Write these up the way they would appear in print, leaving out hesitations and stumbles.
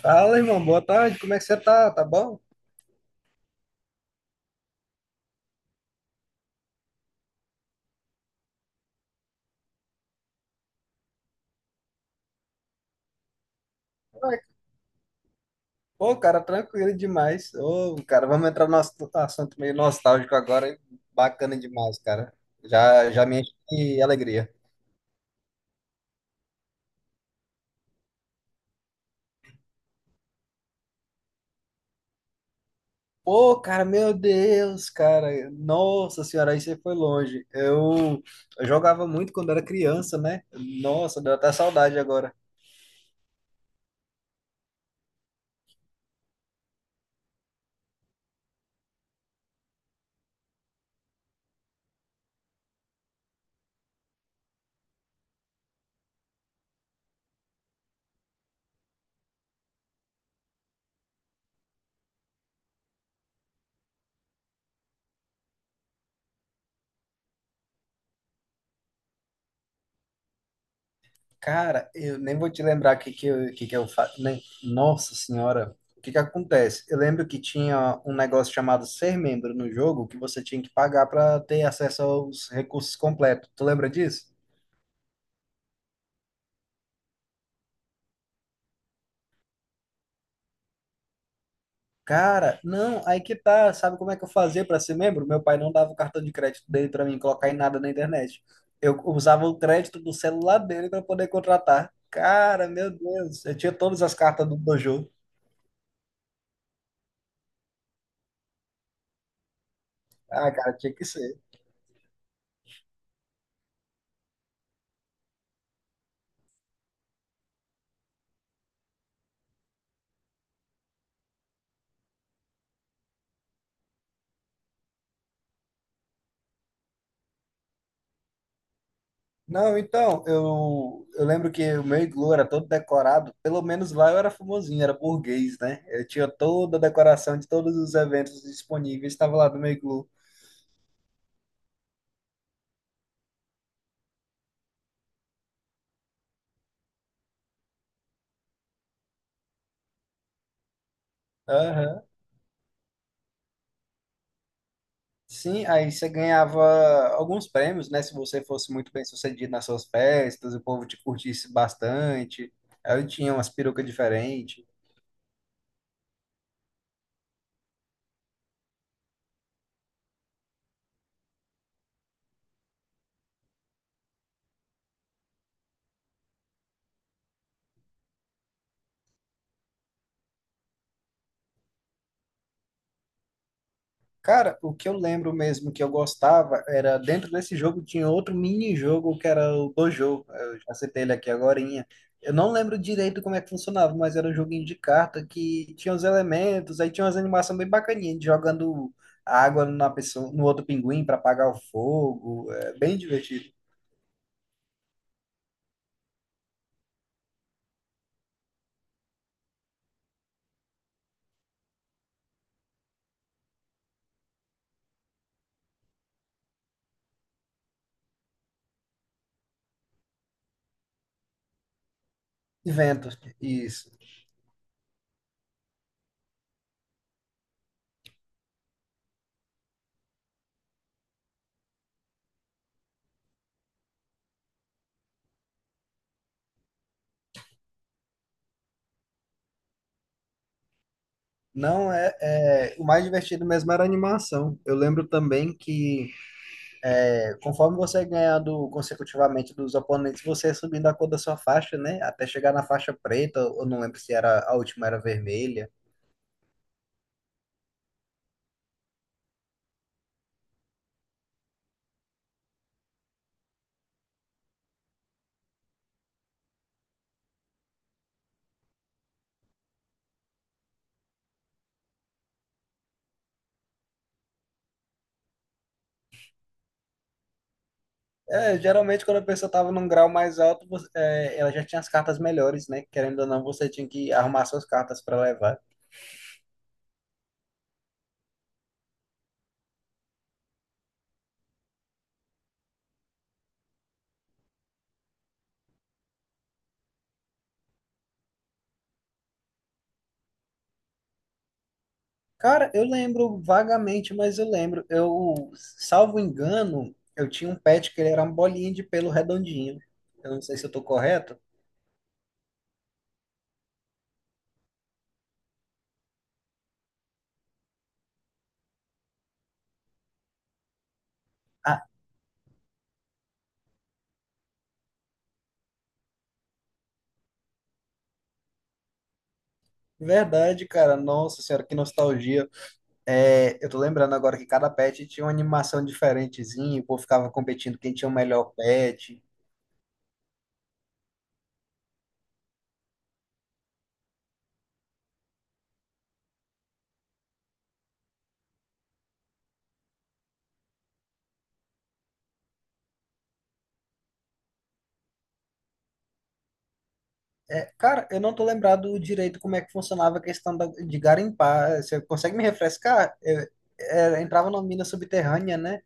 Fala, irmão, boa tarde. Como é que você tá? Tá bom? Ué, Pô, cara, tranquilo demais. Ô, cara, vamos entrar no nosso assunto meio nostálgico agora, hein? Bacana demais, cara. Já, já me enche de alegria. Pô, cara, meu Deus, cara. Nossa senhora, aí você foi longe. Eu jogava muito quando era criança, né? Nossa, deu até saudade agora. Cara, eu nem vou te lembrar o que que eu faço. Nossa senhora, o que que acontece? Eu lembro que tinha um negócio chamado ser membro no jogo que você tinha que pagar para ter acesso aos recursos completos. Tu lembra disso? Cara, não, aí que tá. Sabe como é que eu fazia para ser membro? Meu pai não dava o cartão de crédito dele para mim colocar em nada na internet. Eu usava o crédito do celular dele para poder contratar. Cara, meu Deus, eu tinha todas as cartas do jogo. Ah, cara, tinha que ser. Não, então, eu lembro que o meu iglu era todo decorado, pelo menos lá eu era famosinho, era burguês, né? Eu tinha toda a decoração de todos os eventos disponíveis, estava lá no meu iglu. Aham. Sim, aí você ganhava alguns prêmios, né? Se você fosse muito bem sucedido nas suas festas, o povo te curtisse bastante. Aí eu tinha umas perucas diferentes. Cara, o que eu lembro mesmo que eu gostava era dentro desse jogo tinha outro mini-jogo que era o Dojo. Eu já citei ele aqui agorinha. Eu não lembro direito como é que funcionava, mas era um joguinho de carta que tinha os elementos, aí tinha umas animações bem bacaninhas, de jogando água na pessoa, no outro pinguim para apagar o fogo. É bem divertido. Inventos, isso. Não é, o mais divertido mesmo era a animação. Eu lembro também que conforme você é ganhando consecutivamente dos oponentes, você é subindo a cor da sua faixa, né? Até chegar na faixa preta, eu não lembro se era a última era vermelha. É, geralmente quando a pessoa estava num grau mais alto, ela já tinha as cartas melhores, né? Querendo ou não, você tinha que arrumar suas cartas para levar. Cara, eu lembro vagamente, mas eu lembro. Salvo engano, eu tinha um pet que ele era uma bolinha de pelo redondinho. Eu não sei se eu tô correto. Ah, verdade, cara. Nossa senhora, que nostalgia. É, eu tô lembrando agora que cada pet tinha uma animação diferentezinha, o povo ficava competindo quem tinha o melhor pet. É, cara, eu não tô lembrado direito como é que funcionava a questão de garimpar. Você consegue me refrescar? Entrava numa mina subterrânea, né?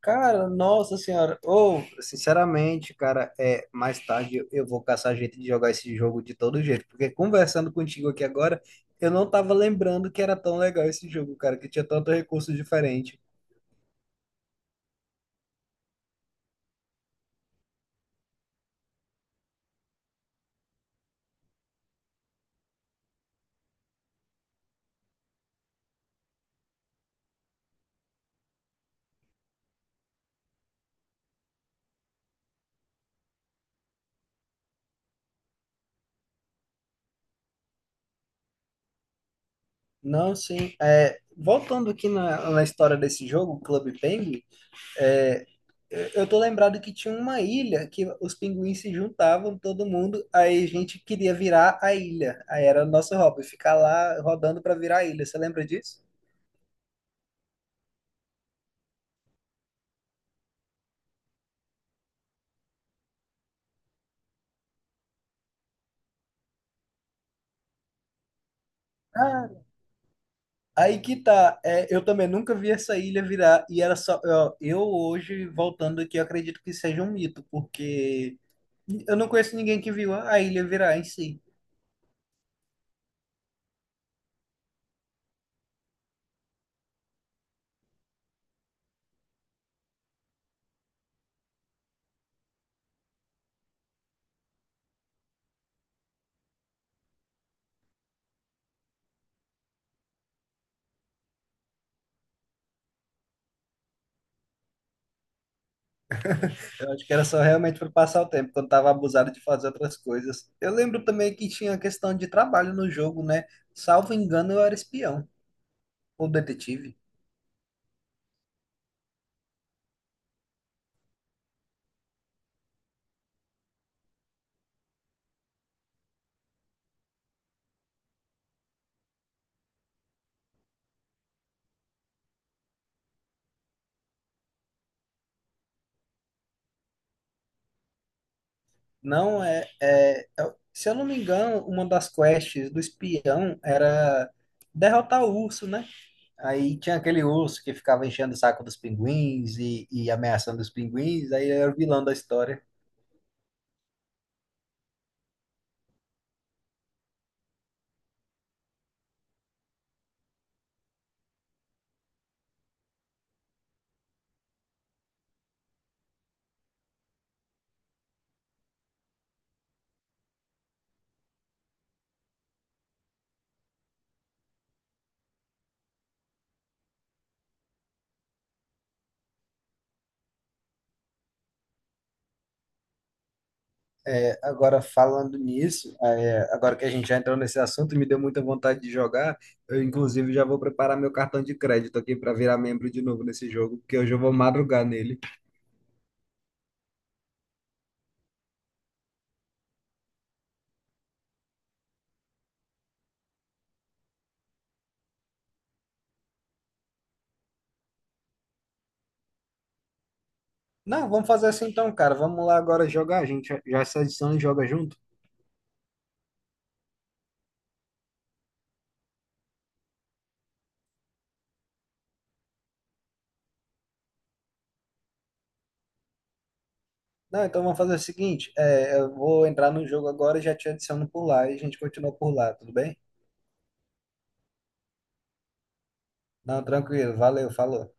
Cara, nossa senhora. Ou, sinceramente, cara, é, mais tarde eu vou caçar jeito de jogar esse jogo de todo jeito, porque conversando contigo aqui agora, eu não tava lembrando que era tão legal esse jogo, cara, que tinha tanto recurso diferente. Não, sim. É, voltando aqui na história desse jogo, Club Penguin, é, eu tô lembrado que tinha uma ilha que os pinguins se juntavam, todo mundo, aí a gente queria virar a ilha. Aí era o nosso hobby, ficar lá rodando para virar a ilha. Você lembra disso? Ah, aí que tá, é, eu também nunca vi essa ilha virar, e era só. Ó, eu hoje, voltando aqui, eu acredito que seja um mito, porque eu não conheço ninguém que viu a ilha virar em si. Eu acho que era só realmente para passar o tempo, quando tava abusado de fazer outras coisas. Eu lembro também que tinha a questão de trabalho no jogo, né? Salvo engano, eu era espião, ou detetive. Não é. Se eu não me engano, uma das quests do espião era derrotar o urso, né? Aí tinha aquele urso que ficava enchendo o saco dos pinguins e ameaçando os pinguins, aí era o vilão da história. É, agora, falando nisso, é, agora que a gente já entrou nesse assunto, me deu muita vontade de jogar. Eu, inclusive, já vou preparar meu cartão de crédito aqui para virar membro de novo nesse jogo, porque hoje eu vou madrugar nele. Não, vamos fazer assim então, cara. Vamos lá agora jogar. A gente já já se adiciona e joga junto. Não, então vamos fazer o seguinte: é, eu vou entrar no jogo agora e já te adiciono por lá e a gente continua por lá, tudo bem? Não, tranquilo. Valeu, falou.